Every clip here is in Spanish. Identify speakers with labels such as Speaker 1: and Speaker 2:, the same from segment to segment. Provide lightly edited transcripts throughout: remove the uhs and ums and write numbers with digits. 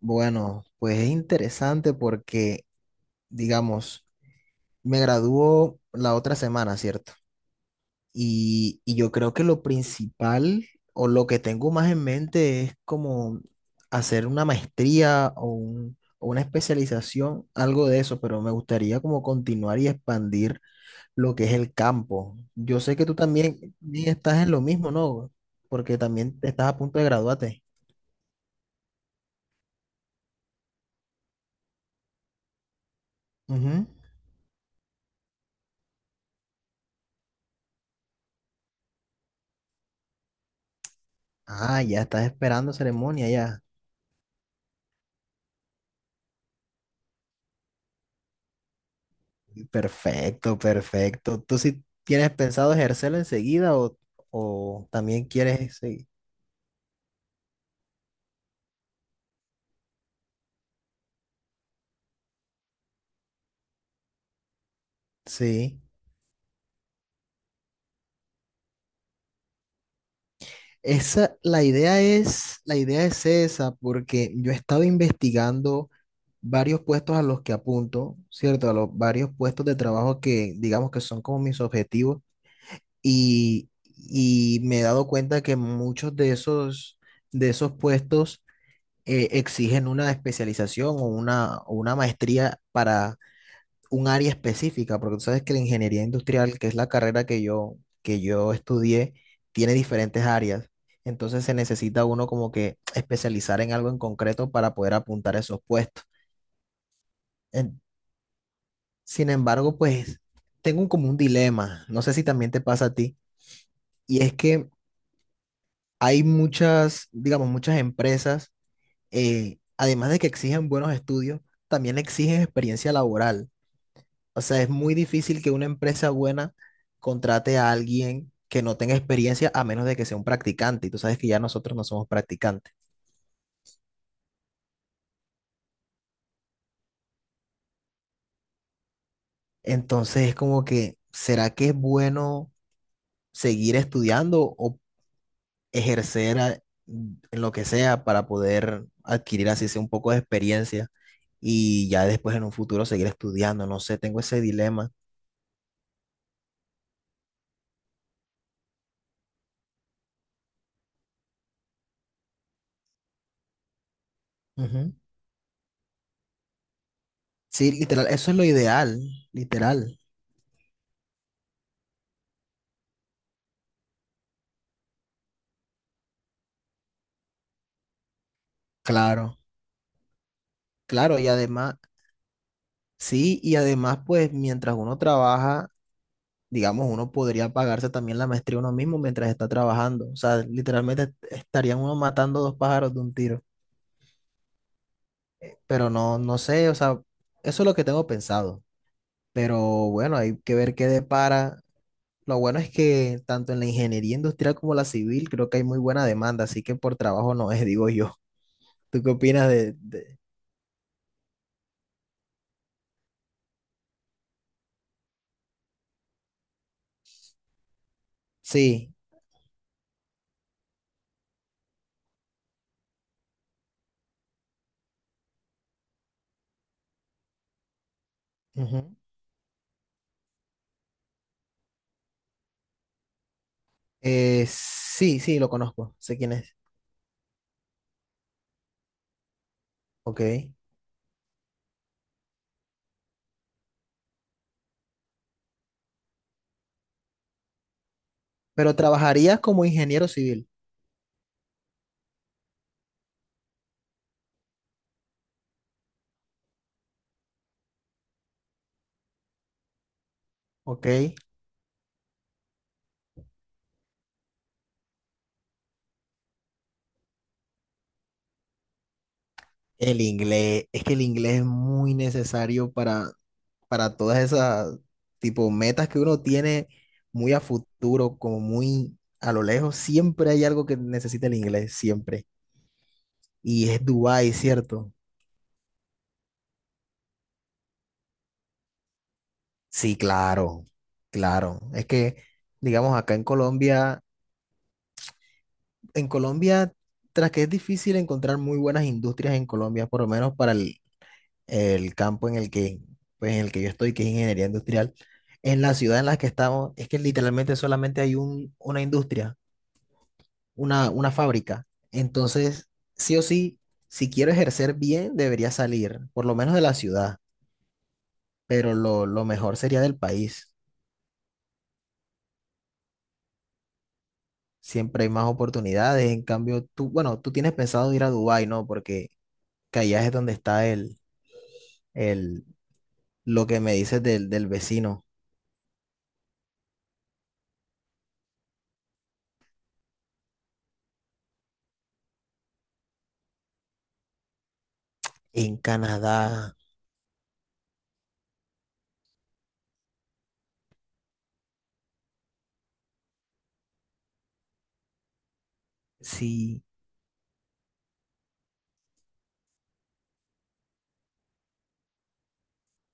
Speaker 1: Bueno, pues es interesante porque, digamos, me graduó la otra semana, ¿cierto? Y yo creo que lo principal o lo que tengo más en mente es como hacer una maestría o una especialización, algo de eso, pero me gustaría como continuar y expandir lo que es el campo. Yo sé que tú también estás en lo mismo, ¿no? Porque también estás a punto de graduarte. Ujú. Ah, ya estás esperando ceremonia, ya. Perfecto, perfecto. ¿Tú sí tienes pensado ejercerla enseguida o también quieres seguir? Sí. Esa, la idea es esa, porque yo he estado investigando varios puestos a los que apunto, ¿cierto? A los varios puestos de trabajo que digamos que son como mis objetivos y me he dado cuenta que muchos de esos puestos exigen una especialización o una maestría un área específica, porque tú sabes que la ingeniería industrial, que es la carrera que yo estudié, tiene diferentes áreas. Entonces se necesita uno como que especializar en algo en concreto para poder apuntar a esos puestos. En- Sin embargo, pues tengo como un dilema, no sé si también te pasa a ti, y es que hay muchas, digamos, muchas empresas, además de que exigen buenos estudios, también exigen experiencia laboral. O sea, es muy difícil que una empresa buena contrate a alguien que no tenga experiencia a menos de que sea un practicante. Y tú sabes que ya nosotros no somos practicantes. Entonces es como que, ¿será que es bueno seguir estudiando o ejercer en lo que sea para poder adquirir así sea un poco de experiencia y ya después en un futuro seguir estudiando? No sé, tengo ese dilema. Ujú. Sí, literal, eso es lo ideal, literal. Claro, claro, y además, sí, y además, pues mientras uno trabaja, digamos, uno podría pagarse también la maestría uno mismo mientras está trabajando. O sea, literalmente estarían uno matando dos pájaros de un tiro. Pero no, no sé, o sea, eso es lo que tengo pensado. Pero bueno, hay que ver qué depara. Lo bueno es que tanto en la ingeniería industrial como la civil creo que hay muy buena demanda, así que por trabajo no es, digo yo. ¿Tú qué opinas de? Sí. Ujú. Sí, sí, lo conozco. Sé quién es. Ok. Pero trabajarías como ingeniero civil, ¿ok? El inglés, es que el inglés es muy necesario para todas esas tipo metas que uno tiene muy a futuro, como muy a lo lejos. Siempre hay algo que necesita el inglés, siempre. Y es Dubái, ¿cierto? Sí, claro, claro. Es que, digamos, acá en Colombia, en Colombia, tras que es difícil encontrar muy buenas industrias en Colombia, por lo menos para el campo en el que, pues, en el que yo estoy, que es ingeniería industrial, en la ciudad en la que estamos, es que literalmente solamente hay una industria, una fábrica. Entonces, sí o sí, si quiero ejercer bien, debería salir, por lo menos de la ciudad, pero lo mejor sería del país. Siempre hay más oportunidades. En cambio, tú, bueno, tú tienes pensado ir a Dubái, ¿no? Porque que allá es donde está el, lo que me dices del vecino. En Canadá, sí.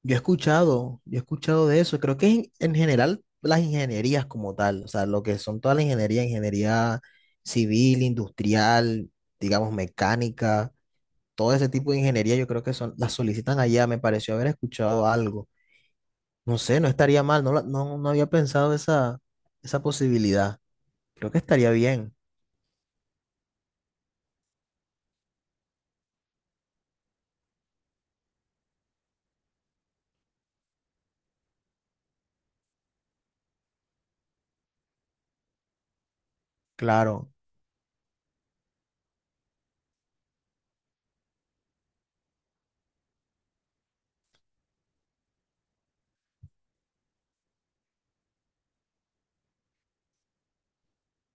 Speaker 1: Yo he escuchado de eso. Creo que en general las ingenierías como tal, o sea, lo que son toda la ingeniería, ingeniería civil, industrial, digamos mecánica, todo ese tipo de ingeniería, yo creo que son, las solicitan allá. Me pareció haber escuchado algo. No sé, no estaría mal, no, no había pensado esa posibilidad. Creo que estaría bien, claro.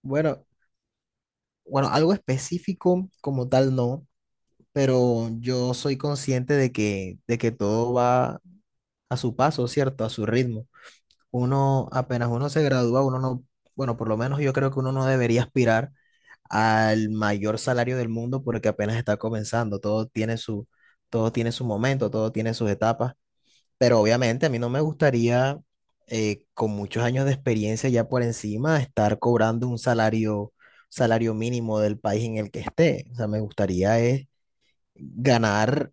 Speaker 1: Bueno, bueno, algo específico como tal no, pero yo soy consciente de que todo va a su paso, ¿cierto? A su ritmo. Uno, apenas uno se gradúa, uno no, bueno, por lo menos yo creo que uno no debería aspirar al mayor salario del mundo porque apenas está comenzando, todo tiene su, momento, todo tiene sus etapas, pero obviamente a mí no me gustaría, con muchos años de experiencia ya por encima, estar cobrando un salario mínimo del país en el que esté. O sea, me gustaría es ganar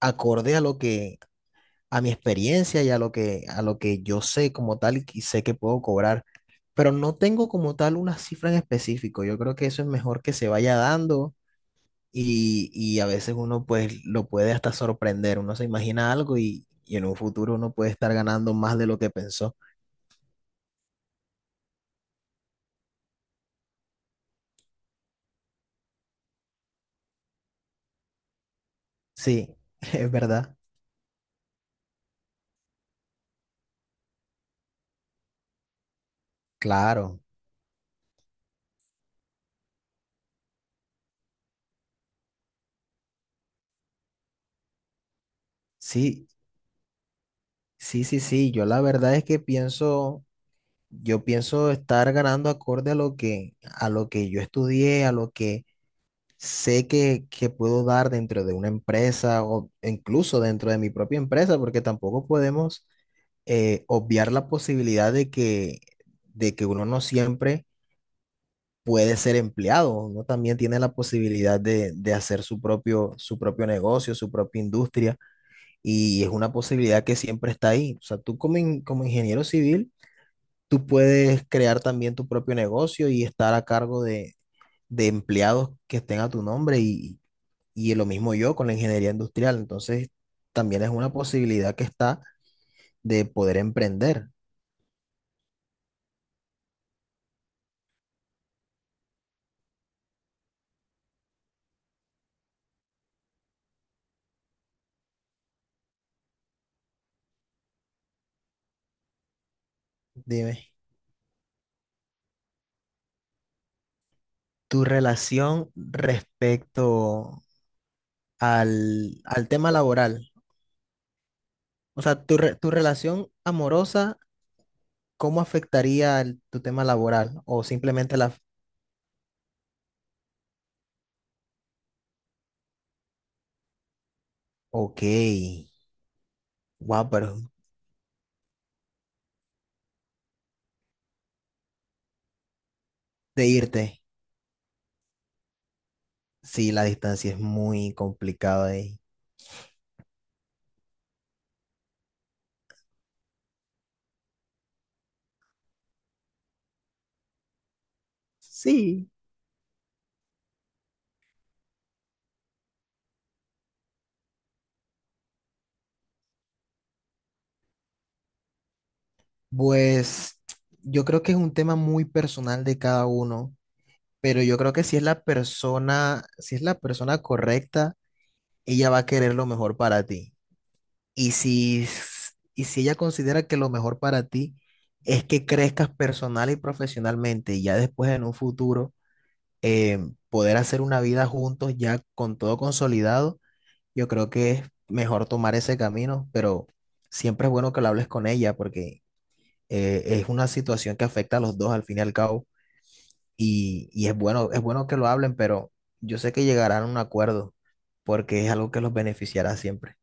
Speaker 1: acorde a mi experiencia y a lo que yo sé como tal y que sé que puedo cobrar, pero no tengo como tal una cifra en específico. Yo creo que eso es mejor que se vaya dando y a veces uno pues lo puede hasta sorprender, uno se imagina algo y en un futuro uno puede estar ganando más de lo que pensó. Sí, es verdad, claro, sí, sí, sí, sí, yo la verdad es que pienso estar ganando acorde a lo que yo estudié, sé que puedo dar dentro de una empresa o incluso dentro de mi propia empresa, porque tampoco podemos obviar la posibilidad de que uno no siempre puede ser empleado, uno también tiene la posibilidad de hacer su propio negocio, su propia industria, y es una posibilidad que siempre está ahí. O sea, como ingeniero civil, tú puedes crear también tu propio negocio y estar a cargo de empleados que estén a tu nombre y lo mismo yo con la ingeniería industrial. Entonces, también es una posibilidad que está de poder emprender. Dime, tu relación respecto al tema laboral, o sea, tu relación amorosa, ¿cómo afectaría tu tema laboral? O simplemente la. Ok, wow, pero de irte, sí, la distancia es muy complicada ahí. Sí, pues yo creo que es un tema muy personal de cada uno, pero yo creo que si es la persona, si es la persona correcta, ella va a querer lo mejor para ti. Y si ella considera que lo mejor para ti es que crezcas personal y profesionalmente y ya después en un futuro eh, poder hacer una vida juntos ya con todo consolidado, yo creo que es mejor tomar ese camino, pero siempre es bueno que lo hables con ella porque es una situación que afecta a los dos al fin y al cabo y es bueno que lo hablen, pero yo sé que llegarán a un acuerdo porque es algo que los beneficiará siempre.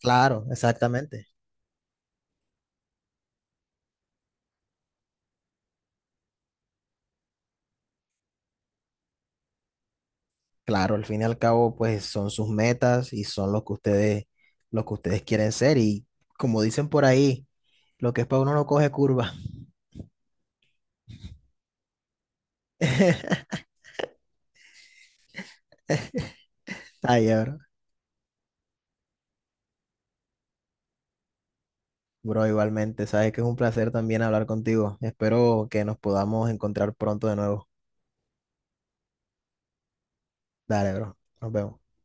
Speaker 1: Claro, exactamente. Claro, al fin y al cabo, pues son sus metas y son lo que ustedes quieren ser. Y como dicen por ahí, lo que es para uno no coge curva. Ay, bro. Bro, igualmente, sabes que es un placer también hablar contigo. Espero que nos podamos encontrar pronto de nuevo. Dale, bro. Nos vemos.